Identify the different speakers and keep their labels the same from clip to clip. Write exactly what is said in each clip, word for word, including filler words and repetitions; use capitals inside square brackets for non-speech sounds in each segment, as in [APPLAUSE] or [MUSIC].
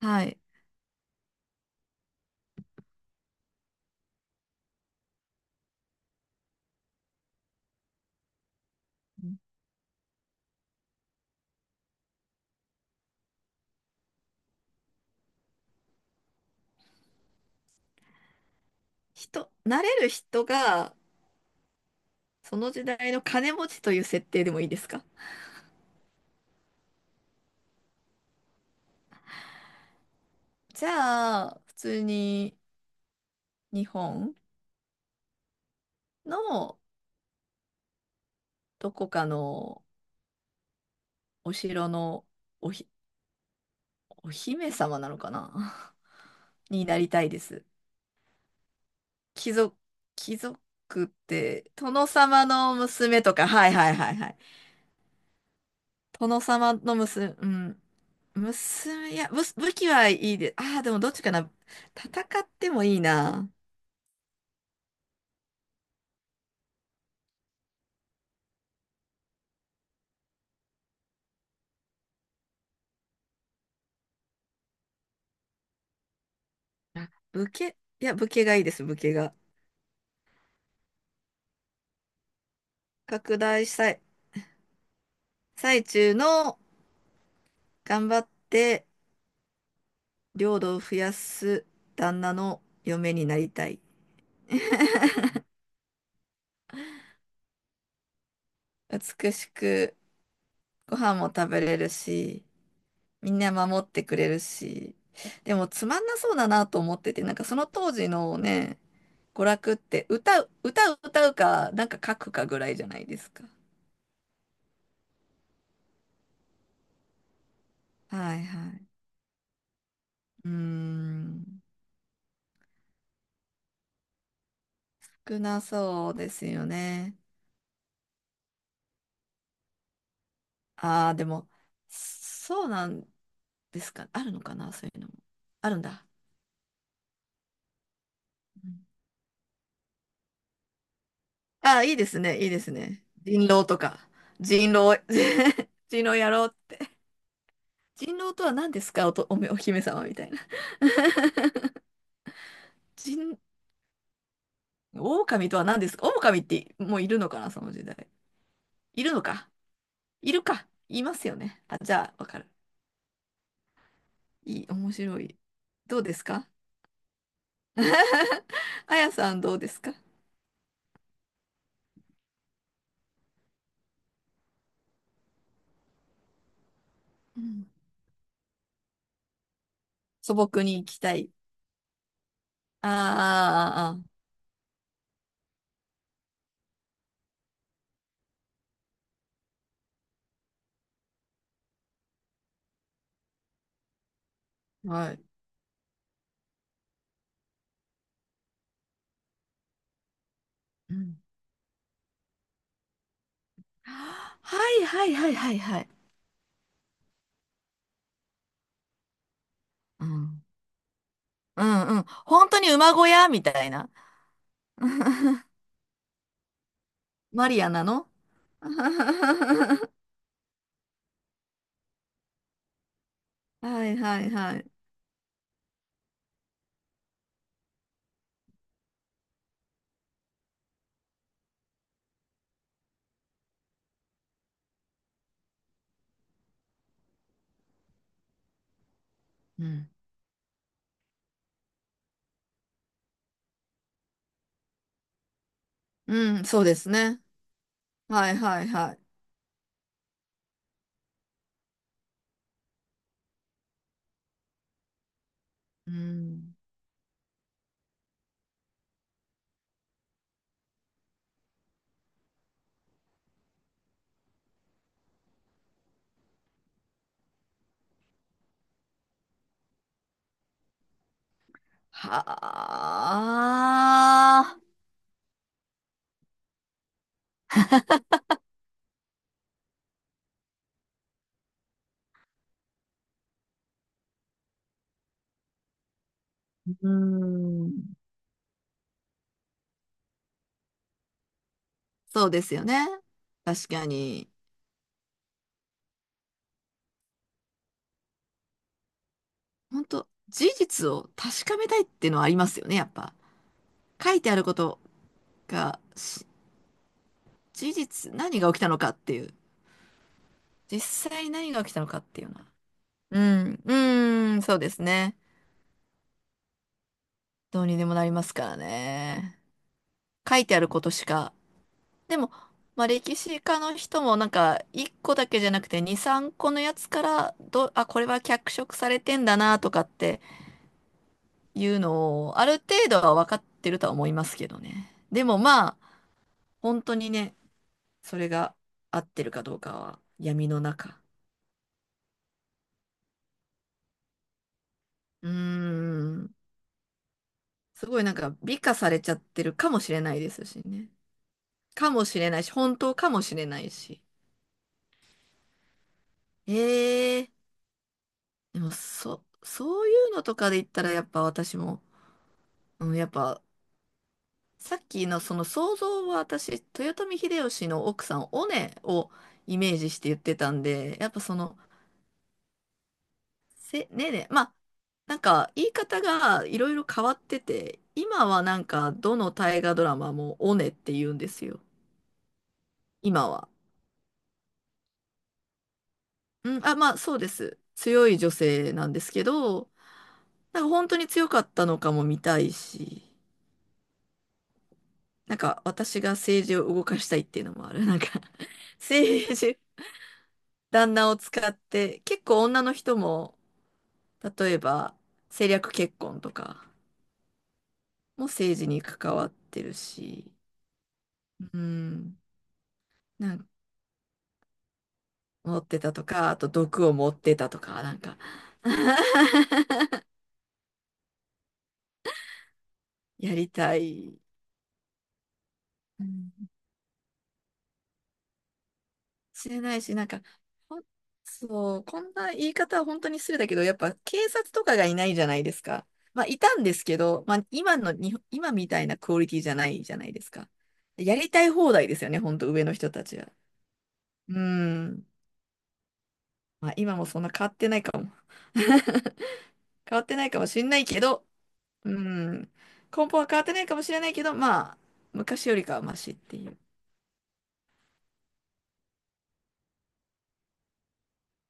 Speaker 1: はい。うん。人、なれる人が、その時代の金持ちという設定でもいいですか？じゃあ、普通に日本のどこかのお城のおひ、お姫様なのかな。 [LAUGHS] になりたいです。貴族、貴族って、殿様の娘とか、はいはいはいはい。殿様の娘、うん、娘、いや、武、武器はいいで、ああ、でもどっちかな。戦ってもいいな。武家、いや、武家がいいです、武家が。拡大したい。最中の、頑張って領土を増やす旦那の嫁になりたい。美しく、ご飯も食べれるし、みんな守ってくれるし。でもつまんなそうだなと思ってて、なんかその当時のね、娯楽って歌う、歌う、歌うか、なんか書くかぐらいじゃないですか。はいはい。うーん。少なそうですよね。ああ、でも、そうなんですか。あるのかな、そういうのも。あるんだ。ああー、いいですね、いいですね。人狼とか。人狼、[LAUGHS] 人狼やろうって。人狼とは何ですか、おと、おめ、お姫様みたいな。人、狼とは何ですか。狼ってもういるのかな、その時代。いるのか。いるか。いますよね。あ、じゃあ、わかる。いい、面白い。どうですか？ [LAUGHS] あやさん、どうですか？うん、素朴に行きたい。あーあー、あーあー、はい。うん。はいはいはいはいはい。うん。うんうん。本当に馬小屋みたいな。[LAUGHS] マリアなの [LAUGHS] はいはいはい。うん。うん、そうですね。はいはいはい。うん。はあ。うん。そうですよね。確かに。本当、事実を確かめたいっていうのはありますよね、やっぱ。書いてあることが、し事実、何が起きたのかっていう。実際何が起きたのかっていうのは。うん、うーん、そうですね。どうにでもなりますからね。書いてあることしか。でも、まあ、歴史家の人もなんか、いっこだけじゃなくてに、さんこのやつから、ど、あ、これは脚色されてんだなとかっていうのを、ある程度は分かってるとは思いますけどね。でもまあ、本当にね、それが合ってるかどうかは闇の中。うーん、すごいなんか美化されちゃってるかもしれないですしね。かもしれないし、本当かもしれないし。ええ、でも、そ、そういうのとかで言ったら、やっぱ私も、うん、やっぱ、さっきのその想像は私、豊臣秀吉の奥さん、おねをイメージして言ってたんで、やっぱその、せ、ねね、まあ、なんか、言い方がいろいろ変わってて、今はなんか、どの大河ドラマもおねって言うんですよ。今は。うん、あ、まあ、そうです。強い女性なんですけど、なんか本当に強かったのかも見たいし、なんか私が政治を動かしたいっていうのもある。なんか [LAUGHS] 政治、旦那を使って、結構女の人も、例えば政略結婚とかも政治に関わってるし、うん、なんか持ってたとか、あと毒を持ってたとか、なんか [LAUGHS] やりたい。うん、知れないし、なんか、ほんそう、こんな言い方は本当に失礼だけど、やっぱ警察とかがいないじゃないですか。まあ、いたんですけど、まあ、今の日本、今みたいなクオリティじゃないじゃないですか。やりたい放題ですよね、本当上の人たちは。うーん。まあ、今もそんな変わってないかも。[LAUGHS] 変わってないかもしんないけど、うーん。根本は変わってないかもしれないけど、まあ、昔よりかはマシっていう。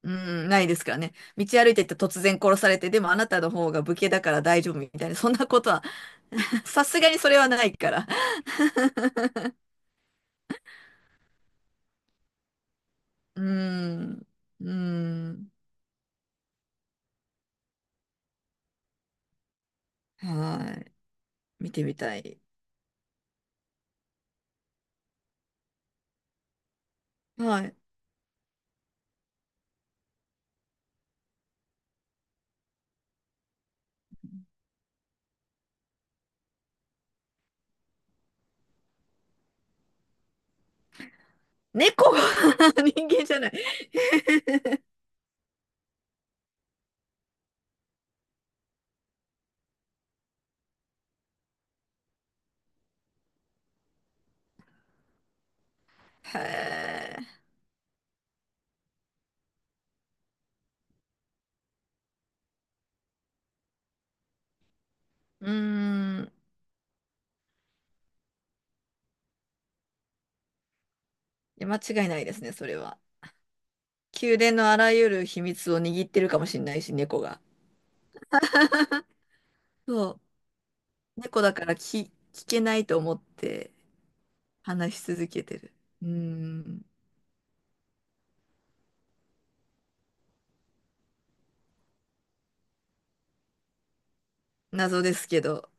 Speaker 1: うん、ないですからね。道歩いてて突然殺されて、でもあなたの方が武家だから大丈夫みたいな、そんなことは、[LAUGHS] さすがにそれはないから。うん、うん、はい。見てみたい。はい。猫。 [LAUGHS] 人間じゃない。へえ。うーん。いや、間違いないですね、それは。宮殿のあらゆる秘密を握ってるかもしれないし、猫が。そう。猫だから聞、聞けないと思って話し続けてる。うーん。謎ですけど。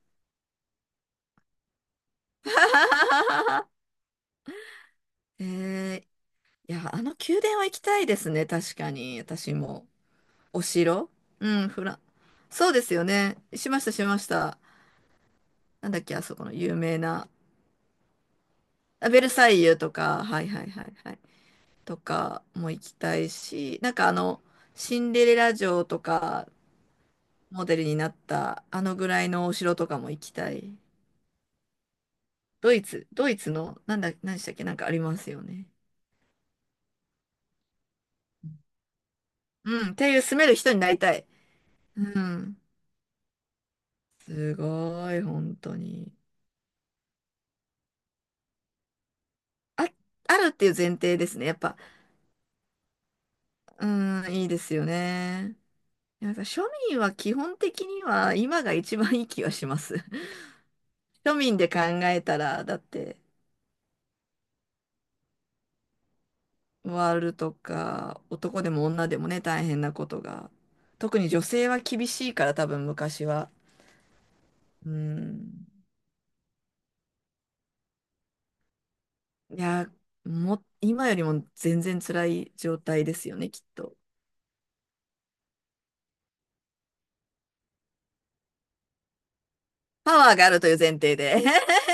Speaker 1: [LAUGHS] えー、いや、あの宮殿は行きたいですね。確かに。私も。お城、うん、フラン。そうですよね。しました、しました。なんだっけ、あそこの有名な。あ、ベルサイユとか、はいはいはいはい。とかも行きたいし、なんかあの、シンデレラ城とか、モデルになった、あのぐらいのお城とかも行きたい。ドイツ、ドイツの、なんだ、何でしたっけ、なんかありますよね。うん、っていう住める人になりたい。うん。すごい、本当に。あ、あるっていう前提ですね。やっぱ、うん、いいですよね。なんか庶民は基本的には今が一番いい気がします。[LAUGHS] 庶民で考えたら、だって、ワールとか、男でも女でもね、大変なことが。特に女性は厳しいから、多分昔は。うん。いや、も、今よりも全然辛い状態ですよね、きっと。パワーがあるという前提で。[LAUGHS]